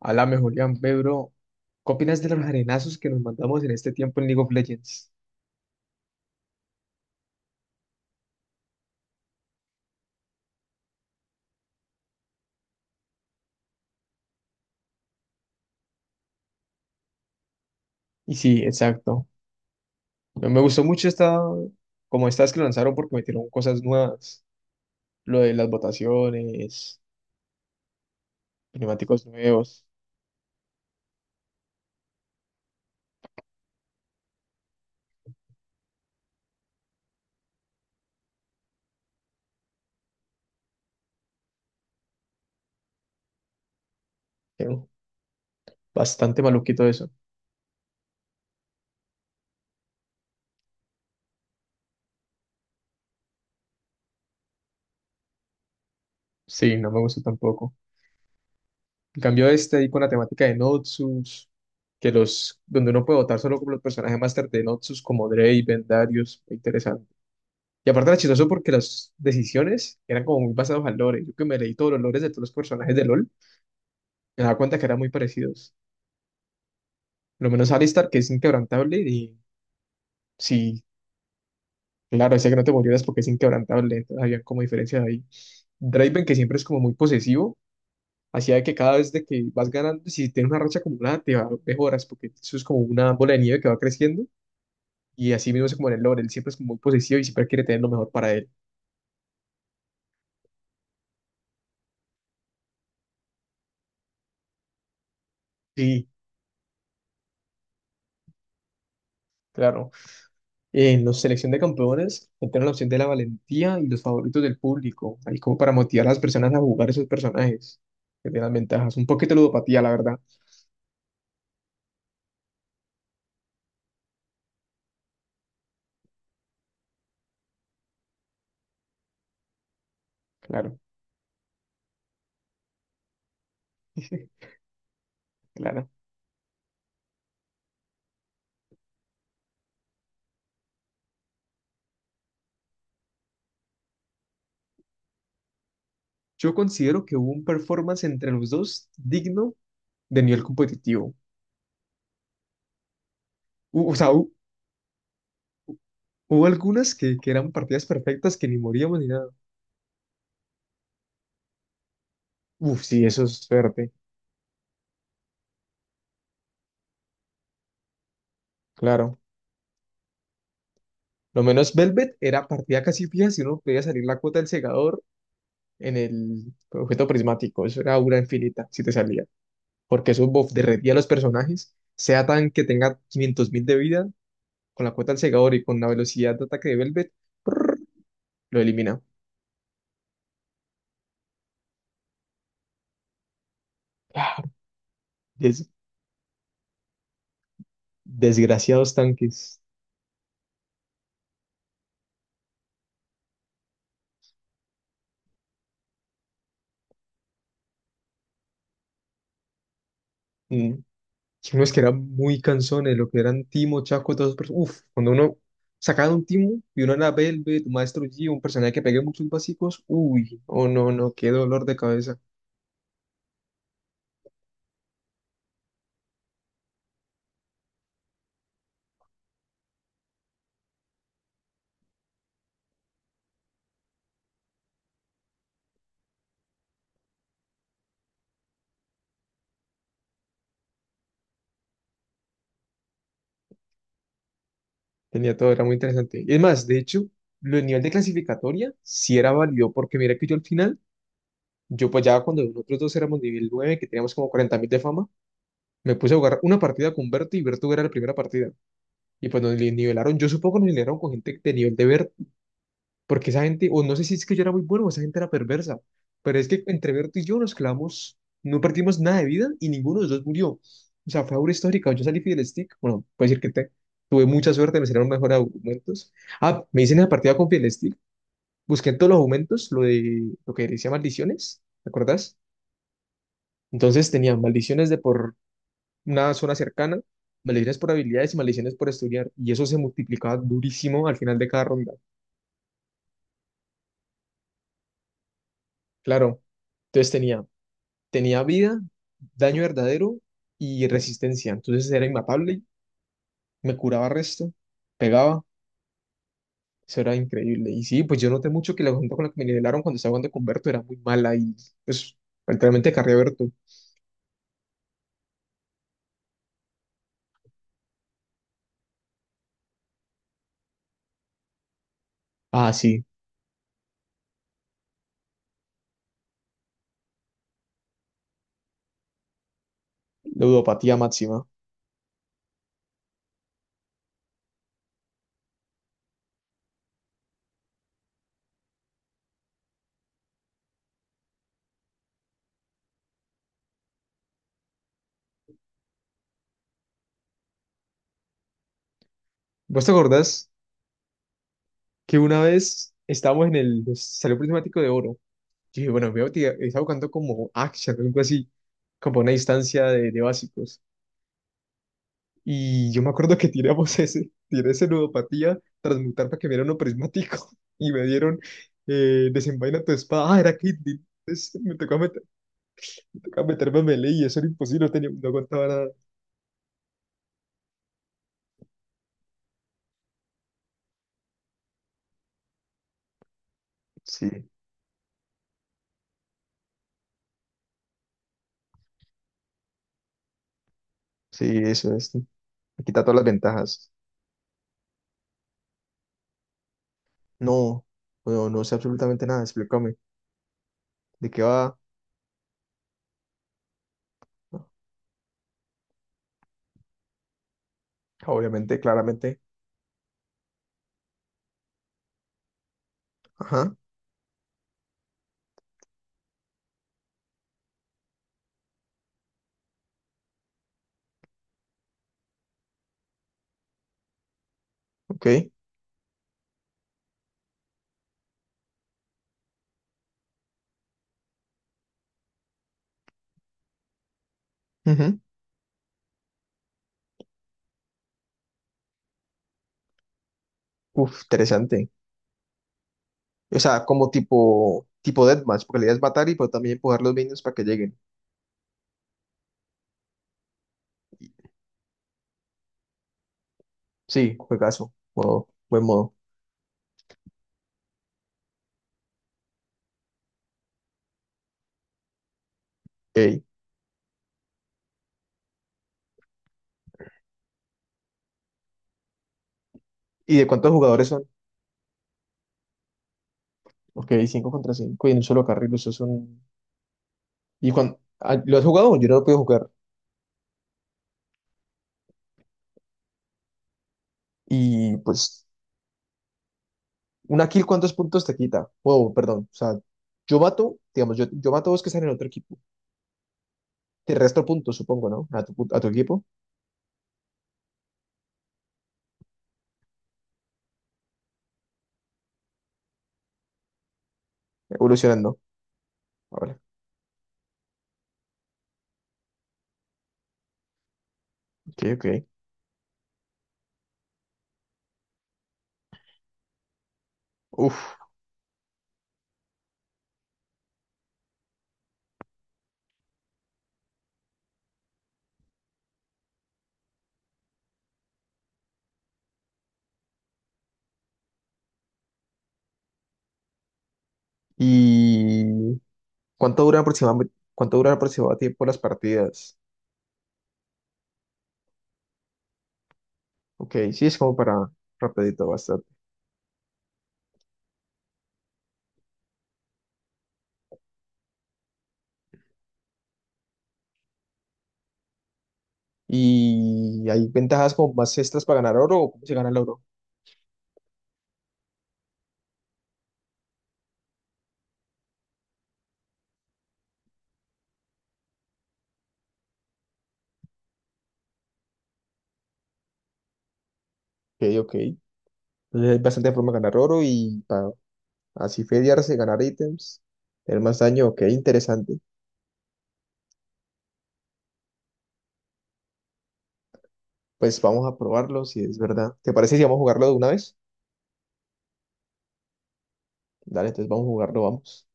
Alame, Julián, Pedro, ¿qué opinas de los arenazos que nos mandamos en este tiempo en League of Legends? Y sí, exacto. Me gustó mucho esta, como estas que lanzaron porque metieron cosas nuevas. Lo de las votaciones, neumáticos nuevos. pero Bastante maluquito eso. Sí, no me gustó tampoco. En cambio este ahí con la temática de Notsus, que los, donde uno puede votar solo con los personajes máster de Notsus como Draven, Darius, muy interesante. Y aparte era chistoso porque las decisiones eran como muy basadas al lore. Yo que me leí todos los lores de todos los personajes de LoL, me daba cuenta que eran muy parecidos. Lo menos Alistar, que es inquebrantable, y sí, claro, decía que no te murieras porque es inquebrantable, entonces había como diferencias ahí. Draven, que siempre es como muy posesivo, hacía que cada vez de que vas ganando, si tienes una racha acumulada, te va, mejoras, porque eso es como una bola de nieve que va creciendo, y así mismo es como en el lore, él siempre es como muy posesivo y siempre quiere tener lo mejor para él. Sí, claro. En los selección de campeones entraron la opción de la valentía y los favoritos del público, ahí como para motivar a las personas a jugar esos personajes, que tienen ventajas. Un poquito de ludopatía, la verdad. Claro, claro. Yo considero que hubo un performance entre los dos digno de nivel competitivo. O sea, hubo algunas que eran partidas perfectas que ni moríamos ni nada. Uf, sí, eso es suerte, claro. Lo menos Velvet era partida casi fija si uno podía salir la cuota del segador en el objeto prismático. Eso era aura infinita si te salía. Porque eso buff derretía a los personajes, sea tan que tenga 500.000 de vida, con la cuota del segador y con la velocidad de ataque de Velvet, lo elimina. Claro, des- desgraciados tanques. Mm, y unos que eran muy cansones, lo que eran Timo, Chaco, todos esos perso- Uf, cuando uno sacaba un Timo y uno era Velvet, un Maestro G un personaje que pegue muchos básicos, uy, oh no, no, qué dolor de cabeza. Tenía todo, era muy interesante. Y es más, de hecho, lo del nivel de clasificatoria sí era válido, porque mira que yo al final. Yo pues ya cuando nosotros dos éramos nivel 9 que teníamos como 40.000 de fama, me puse a jugar una partida con Berto y Berto era la primera partida. Y pues nivelaron, yo supongo que nos nivelaron con gente de nivel de Berto, porque esa gente, o no sé si es que yo era muy bueno o esa gente era perversa, pero es que entre Berto y yo nos clavamos, no perdimos nada de vida y ninguno de los dos murió. O sea, fue aura histórica, yo salí del stick, bueno, puedo decir que tuve mucha suerte, me salieron mejor argumentos. Ah, me hice en la partida con Stick, busqué en todos los argumentos lo de lo que decía maldiciones, ¿te acuerdas? Entonces tenían maldiciones de por una zona cercana, maldiciones por habilidades y maldiciones por estudiar. Y eso se multiplicaba durísimo al final de cada ronda. Claro. Entonces tenía, vida, daño verdadero y resistencia. Entonces era inmatable, me curaba resto, pegaba. Eso era increíble. Y sí, pues yo noté mucho que la gente con la que me nivelaron cuando estaba jugando con Berto era muy mala y pues literalmente carré a Berto. Ah, sí, ludopatía máxima. ¿Vos te acordás que una vez estábamos en el pues, salió prismático de oro? Sí, bueno, veo que estaba buscando como Action o algo así, como una instancia de básicos. Y yo me acuerdo que tiré ese ludopatía, transmutar para que me dieran un prismático y me dieron desenvaina tu espada. Ah, era Kindle. Entonces me tocaba, me tocaba meterme a melee y eso era imposible, no, tenía, no aguantaba nada. Sí, sí, eso es. Me quita todas las ventajas. No, no, no sé absolutamente nada, explícame. ¿De qué va? Obviamente, claramente. Ajá, ok. Ujú. Uf, interesante. O sea, como tipo, tipo Deathmatch, porque la idea es matar y pero también empujar los minions para que lleguen. Y- Sí, juegazo. Modo, buen modo. Ey. ¿Y de cuántos jugadores son? Ok, 5 contra 5 y en un solo carril, eso es un. ¿Y cuando? ¿Lo has jugado? Yo no lo puedo jugar. Y pues, una kill, ¿cuántos puntos te quita? Wow, perdón. O sea, yo, mato, digamos, yo mato a dos que están en otro equipo. Te resto puntos, supongo, ¿no? A tu, a tu equipo. Evolucionando. Ahora. Ok, ok. Uf. Y... cuánto duran aproximadamente tiempo las partidas? Ok, sí, es como para rapidito bastante. ¿Y hay ventajas como más extras para ganar oro o cómo se gana el oro? Ok, ok. Entonces hay bastante forma de ganar oro y para así feriarse, ganar ítems, tener más daño. Ok, interesante. Pues vamos a probarlo si es verdad. ¿Te parece si vamos a jugarlo de una vez? Dale, entonces vamos a jugarlo, vamos.